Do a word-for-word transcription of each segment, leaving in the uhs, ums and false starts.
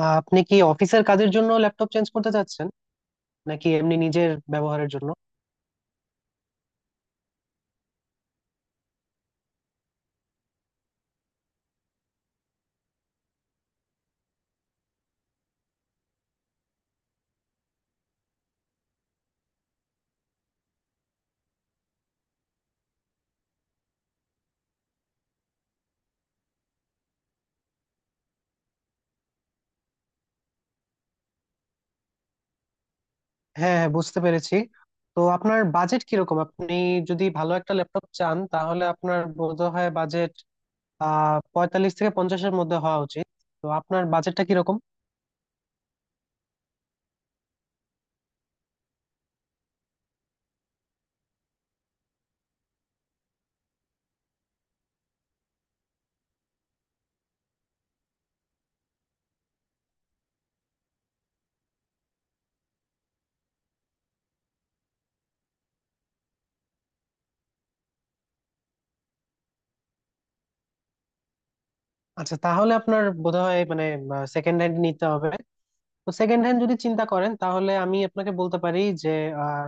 আহ, আপনি কি অফিসের কাজের জন্য ল্যাপটপ চেঞ্জ করতে চাচ্ছেন, নাকি এমনি নিজের ব্যবহারের জন্য? হ্যাঁ, হ্যাঁ, বুঝতে পেরেছি। তো আপনার বাজেট কিরকম? আপনি যদি ভালো একটা ল্যাপটপ চান তাহলে আপনার বোধহয় বাজেট আহ পঁয়তাল্লিশ থেকে পঞ্চাশের মধ্যে হওয়া উচিত। তো আপনার বাজেটটা কিরকম? আচ্ছা, তাহলে আপনার বোধহয় মানে সেকেন্ড হ্যান্ড নিতে হবে। তো সেকেন্ড হ্যান্ড যদি চিন্তা করেন তাহলে আমি আপনাকে বলতে পারি যে আহ,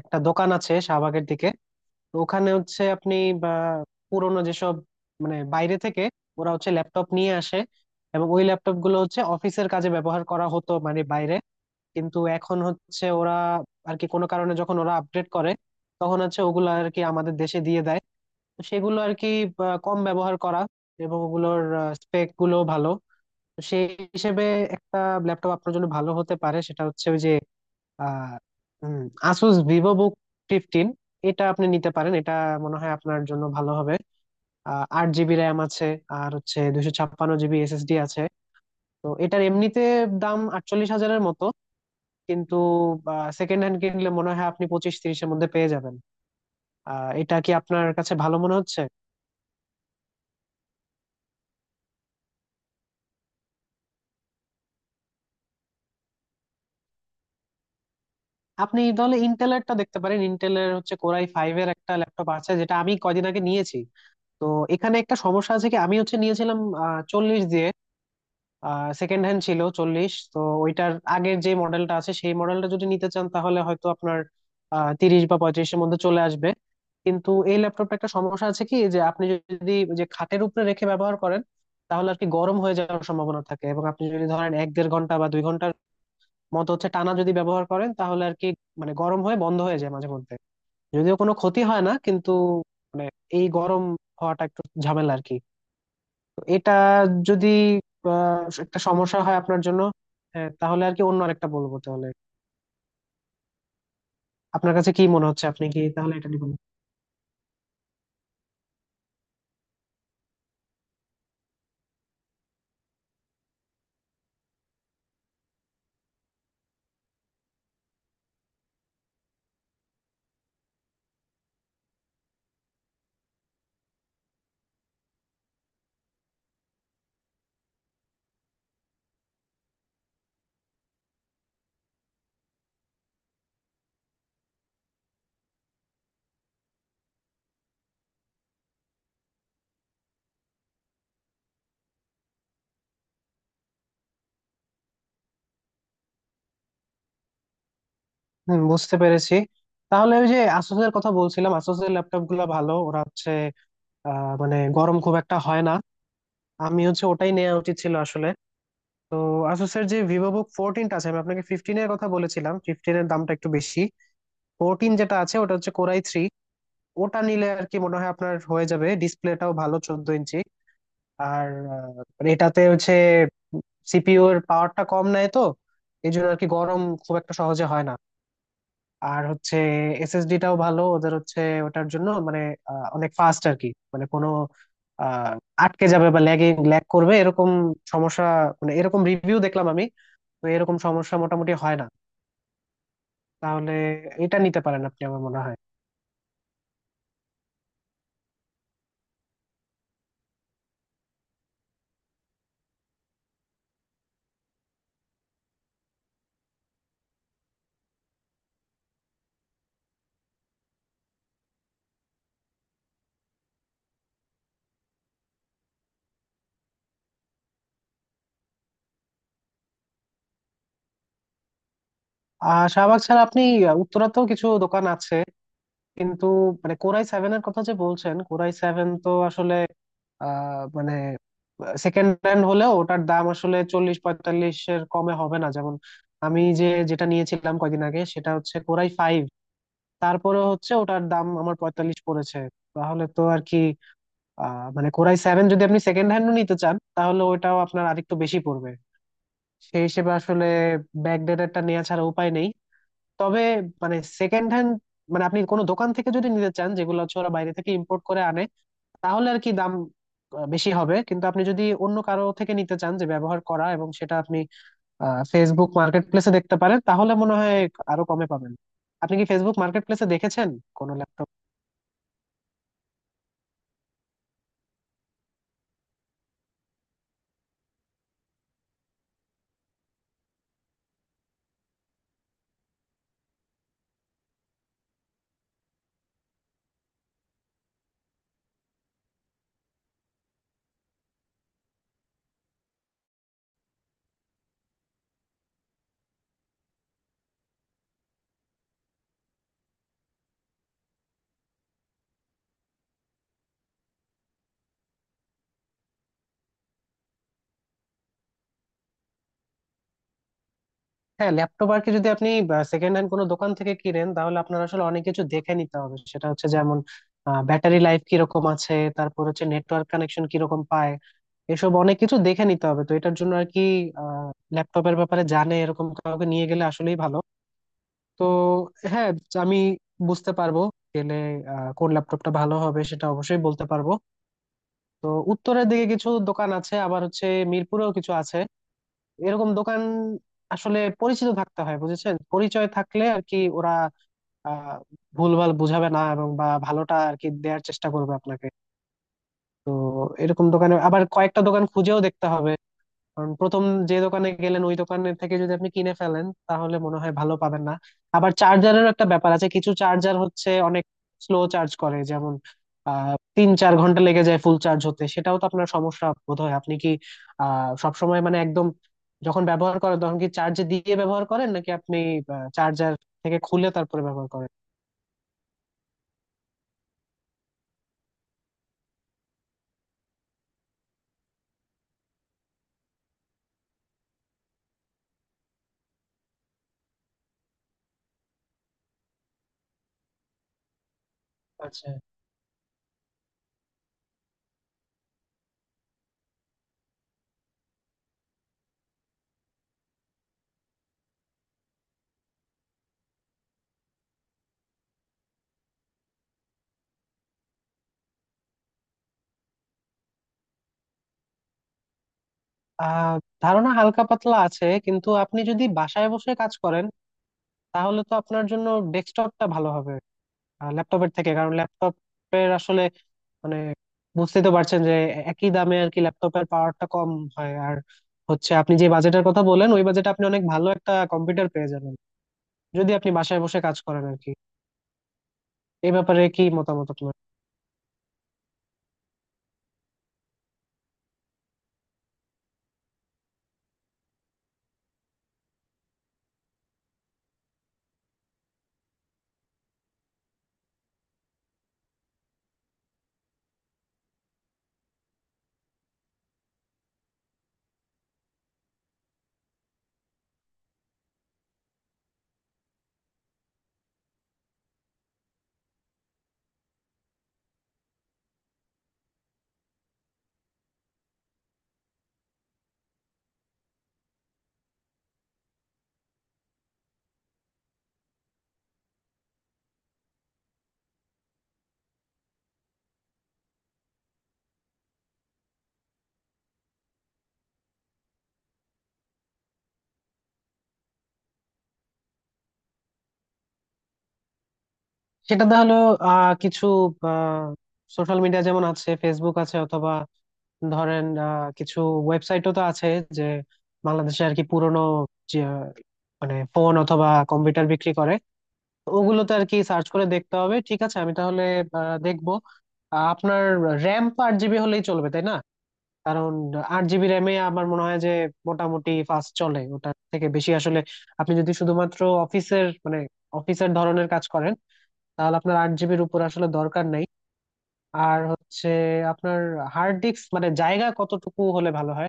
একটা দোকান আছে শাহবাগের দিকে। তো ওখানে হচ্ছে আপনি বা পুরোনো যেসব, মানে বাইরে থেকে ওরা হচ্ছে ল্যাপটপ নিয়ে আসে, এবং ওই ল্যাপটপ গুলো হচ্ছে অফিসের কাজে ব্যবহার করা হতো মানে বাইরে, কিন্তু এখন হচ্ছে ওরা আর কি কোনো কারণে যখন ওরা আপডেট করে তখন হচ্ছে ওগুলো আর কি আমাদের দেশে দিয়ে দেয়। তো সেগুলো আর কি, বা, কম ব্যবহার করা, এবং ওগুলোর স্পেক গুলো ভালো। তো সেই হিসেবে একটা ল্যাপটপ আপনার জন্য ভালো হতে পারে সেটা হচ্ছে ওই যে আর উম, আসুস ভিভো বুক ফিফটিন। এটা আপনি নিতে পারেন, এটা মনে হয় আপনার জন্য ভালো হবে। আহ, আট জিবি র্যাম আছে, আর হচ্ছে দুশো ছাপ্পান্ন জিবি এসএসডি আছে। তো এটার এমনিতে দাম আটচল্লিশ হাজারের মতো, কিন্তু সেকেন্ড হ্যান্ড কিনলে মনে হয় আপনি পঁচিশ তিরিশের মধ্যে পেয়ে যাবেন। আহ এটা কি আপনার কাছে ভালো মনে হচ্ছে? আপনি তাহলে ইন্টেলেরটা দেখতে পারেন, ইন্টেলের হচ্ছে কোরাই ফাইভ এর একটা ল্যাপটপ আছে যেটা আমি কয়দিন আগে নিয়েছি। তো এখানে একটা সমস্যা আছে কি, আমি হচ্ছে নিয়েছিলাম চল্লিশ দিয়ে, সেকেন্ড হ্যান্ড ছিল চল্লিশ। তো ওইটার আগের যে মডেলটা আছে সেই মডেলটা যদি নিতে চান তাহলে হয়তো আপনার আহ, তিরিশ বা পঁয়ত্রিশের মধ্যে চলে আসবে। কিন্তু এই ল্যাপটপটা একটা সমস্যা আছে কি, যে আপনি যদি ওই যে খাটের উপরে রেখে ব্যবহার করেন তাহলে আর কি গরম হয়ে যাওয়ার সম্ভাবনা থাকে, এবং আপনি যদি ধরেন এক দেড় ঘন্টা বা দুই ঘন্টার মতো হচ্ছে টানা যদি ব্যবহার করেন তাহলে আর কি, মানে গরম হয়ে বন্ধ হয়ে যায় মাঝে মধ্যে। যদিও কোনো ক্ষতি হয় না, কিন্তু মানে এই গরম হওয়াটা একটু ঝামেলা আর কি। এটা যদি আহ, একটা সমস্যা হয় আপনার জন্য, হ্যাঁ, তাহলে আর কি অন্য আরেকটা বলবো তাহলে। আপনার কাছে কি মনে হচ্ছে, আপনি কি তাহলে এটা নিবেন? হম বুঝতে পেরেছি। তাহলে ওই যে আসুসের কথা বলছিলাম, আসুসের ল্যাপটপ গুলো ভালো, ওরা হচ্ছে আহ মানে গরম খুব একটা হয় না। আমি হচ্ছে ওটাই নেওয়া উচিত ছিল আসলে। তো আসুসের যে ভিভো বুক ফোরটিনটা আছে, আমি আপনাকে ফিফটিনের কথা বলেছিলাম, ফিফটিনের দামটা একটু বেশি। ফোরটিন যেটা আছে ওটা হচ্ছে কোরাই থ্রি। ওটা নিলে আর কি মনে হয় আপনার হয়ে যাবে, ডিসপ্লেটাও ভালো চোদ্দ ইঞ্চি। আর আহ, মানে এটাতে হচ্ছে সিপিইউ এর পাওয়ারটা কম নেয়, তো এই জন্য আর কি গরম খুব একটা সহজে হয় না। আর হচ্ছে এসএসডি টাও ভালো ওদের হচ্ছে, ওটার জন্য মানে আহ, অনেক ফাস্ট আর কি। মানে কোনো আহ, আটকে যাবে বা ল্যাগিং ল্যাগ করবে এরকম সমস্যা, মানে এরকম রিভিউ দেখলাম আমি। তো এরকম সমস্যা মোটামুটি হয় না। তাহলে এটা নিতে পারেন আপনি, আমার মনে হয়। আর শাহবাগ ছাড়া আপনি আহ, উত্তরাতেও কিছু দোকান আছে। কিন্তু মানে কোরাই সেভেন এর কথা যে বলছেন, কোরাই সেভেন তো আসলে আহ মানে সেকেন্ড হ্যান্ড হলেও ওটার দাম আসলে চল্লিশ পঁয়তাল্লিশ এর কমে হবে না। যেমন আমি যে, যেটা নিয়েছিলাম কয়দিন আগে, সেটা হচ্ছে কোরাই ফাইভ। তারপরে হচ্ছে ওটার দাম আমার পঁয়তাল্লিশ পড়েছে। তাহলে তো আর কি আহ মানে কোরাই সেভেন যদি আপনি সেকেন্ড হ্যান্ডও নিতে চান তাহলে ওটাও আপনার আরেকটু বেশি পড়বে। সেই হিসেবে আসলে ব্যাকডেটেডটা নেওয়া ছাড়া উপায় নেই। তবে মানে সেকেন্ড হ্যান্ড, মানে আপনি কোনো দোকান থেকে যদি নিতে চান, যেগুলো হচ্ছে ওরা বাইরে থেকে ইম্পোর্ট করে আনে, তাহলে আর কি দাম আহ, বেশি হবে। কিন্তু আপনি যদি অন্য কারো থেকে নিতে চান যে ব্যবহার করা, এবং সেটা আপনি ফেসবুক মার্কেট প্লেসে দেখতে পারেন, তাহলে মনে হয় আরো কমে পাবেন। আপনি কি ফেসবুক মার্কেট প্লেসে দেখেছেন কোনো ল্যাপটপ? হ্যাঁ, ল্যাপটপ আর কি যদি আপনি সেকেন্ড হ্যান্ড কোনো দোকান থেকে কিনেন, তাহলে আপনার আসলে অনেক কিছু দেখে নিতে হবে। সেটা হচ্ছে যেমন ব্যাটারি লাইফ কিরকম আছে, তারপর হচ্ছে নেটওয়ার্ক কানেকশন কিরকম পায়, এসব অনেক কিছু দেখে নিতে হবে। তো এটার জন্য আর কি ল্যাপটপের ব্যাপারে জানে এরকম কাউকে নিয়ে গেলে আসলেই ভালো। তো হ্যাঁ, আমি বুঝতে পারবো গেলে আহ, কোন ল্যাপটপটা ভালো হবে সেটা অবশ্যই বলতে পারবো। তো উত্তরের দিকে কিছু দোকান আছে, আবার হচ্ছে মিরপুরেও কিছু আছে এরকম দোকান। আসলে পরিচিত থাকতে হয়, বুঝেছেন, পরিচয় থাকলে আর কি ওরা আহ ভুলভাল বুঝাবে না, এবং বা ভালোটা আর কি দেওয়ার চেষ্টা করবে আপনাকে। তো এরকম দোকানে আবার কয়েকটা দোকান খুঁজেও দেখতে হবে, কারণ প্রথম যে দোকানে গেলেন, ওই দোকানের থেকে যদি আপনি কিনে ফেলেন তাহলে মনে হয় ভালো পাবেন না। আবার চার্জারেরও একটা ব্যাপার আছে, কিছু চার্জার হচ্ছে অনেক স্লো চার্জ করে, যেমন আহ তিন চার ঘন্টা লেগে যায় ফুল চার্জ হতে। সেটাও তো আপনার সমস্যা বোধহয়। আপনি কি আহ সবসময় মানে একদম, যখন ব্যবহার করেন তখন কি চার্জ দিয়ে ব্যবহার করেন, নাকি আপনি চার্জার থেকে খুলে তারপরে ব্যবহার করেন? আচ্ছা। আহ ধারণা হালকা পাতলা আছে, কিন্তু আপনি যদি বাসায় বসে কাজ করেন তাহলে তো আপনার জন্য ডেস্কটপটা ভালো হবে ল্যাপটপের থেকে, কারণ ল্যাপটপের আসলে মানে বুঝতেই তো পারছেন যে একই দামে আর কি ল্যাপটপের পাওয়ারটা কম হয়। আর হচ্ছে আপনি যে বাজেটের কথা বলেন, ওই বাজেটে আপনি অনেক ভালো একটা কম্পিউটার পেয়ে যাবেন, যদি আপনি বাসায় বসে কাজ করেন আর কি। এই ব্যাপারে কি মতামত আপনার? সেটা তাহলে আহ কিছু আহ সোশ্যাল মিডিয়া যেমন আছে ফেসবুক আছে, অথবা ধরেন আহ, কিছু ওয়েবসাইটও তো আছে যে বাংলাদেশে আর কি পুরোনো যে, আহ, মানে ফোন অথবা কম্পিউটার বিক্রি করে, ওগুলোতে আর কি সার্চ করে দেখতে হবে। ঠিক আছে, আমি তাহলে আহ, দেখবো। আহ, আপনার র্যাম তো আট জিবি হলেই চলবে, তাই না? কারণ আট জিবি র্যামে আমার মনে হয় যে মোটামুটি ফাস্ট চলে। ওটার থেকে বেশি আসলে আপনি যদি শুধুমাত্র অফিসের মানে অফিসের ধরনের কাজ করেন, তাহলে আপনার আট জিবির উপর আসলে দরকার নেই। আর হচ্ছে আপনার হার্ড ডিস্ক মানে জায়গা কতটুকু হলে ভালো হয়?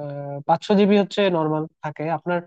আহ, পাঁচশো জিবি হচ্ছে নর্মাল থাকে আপনার।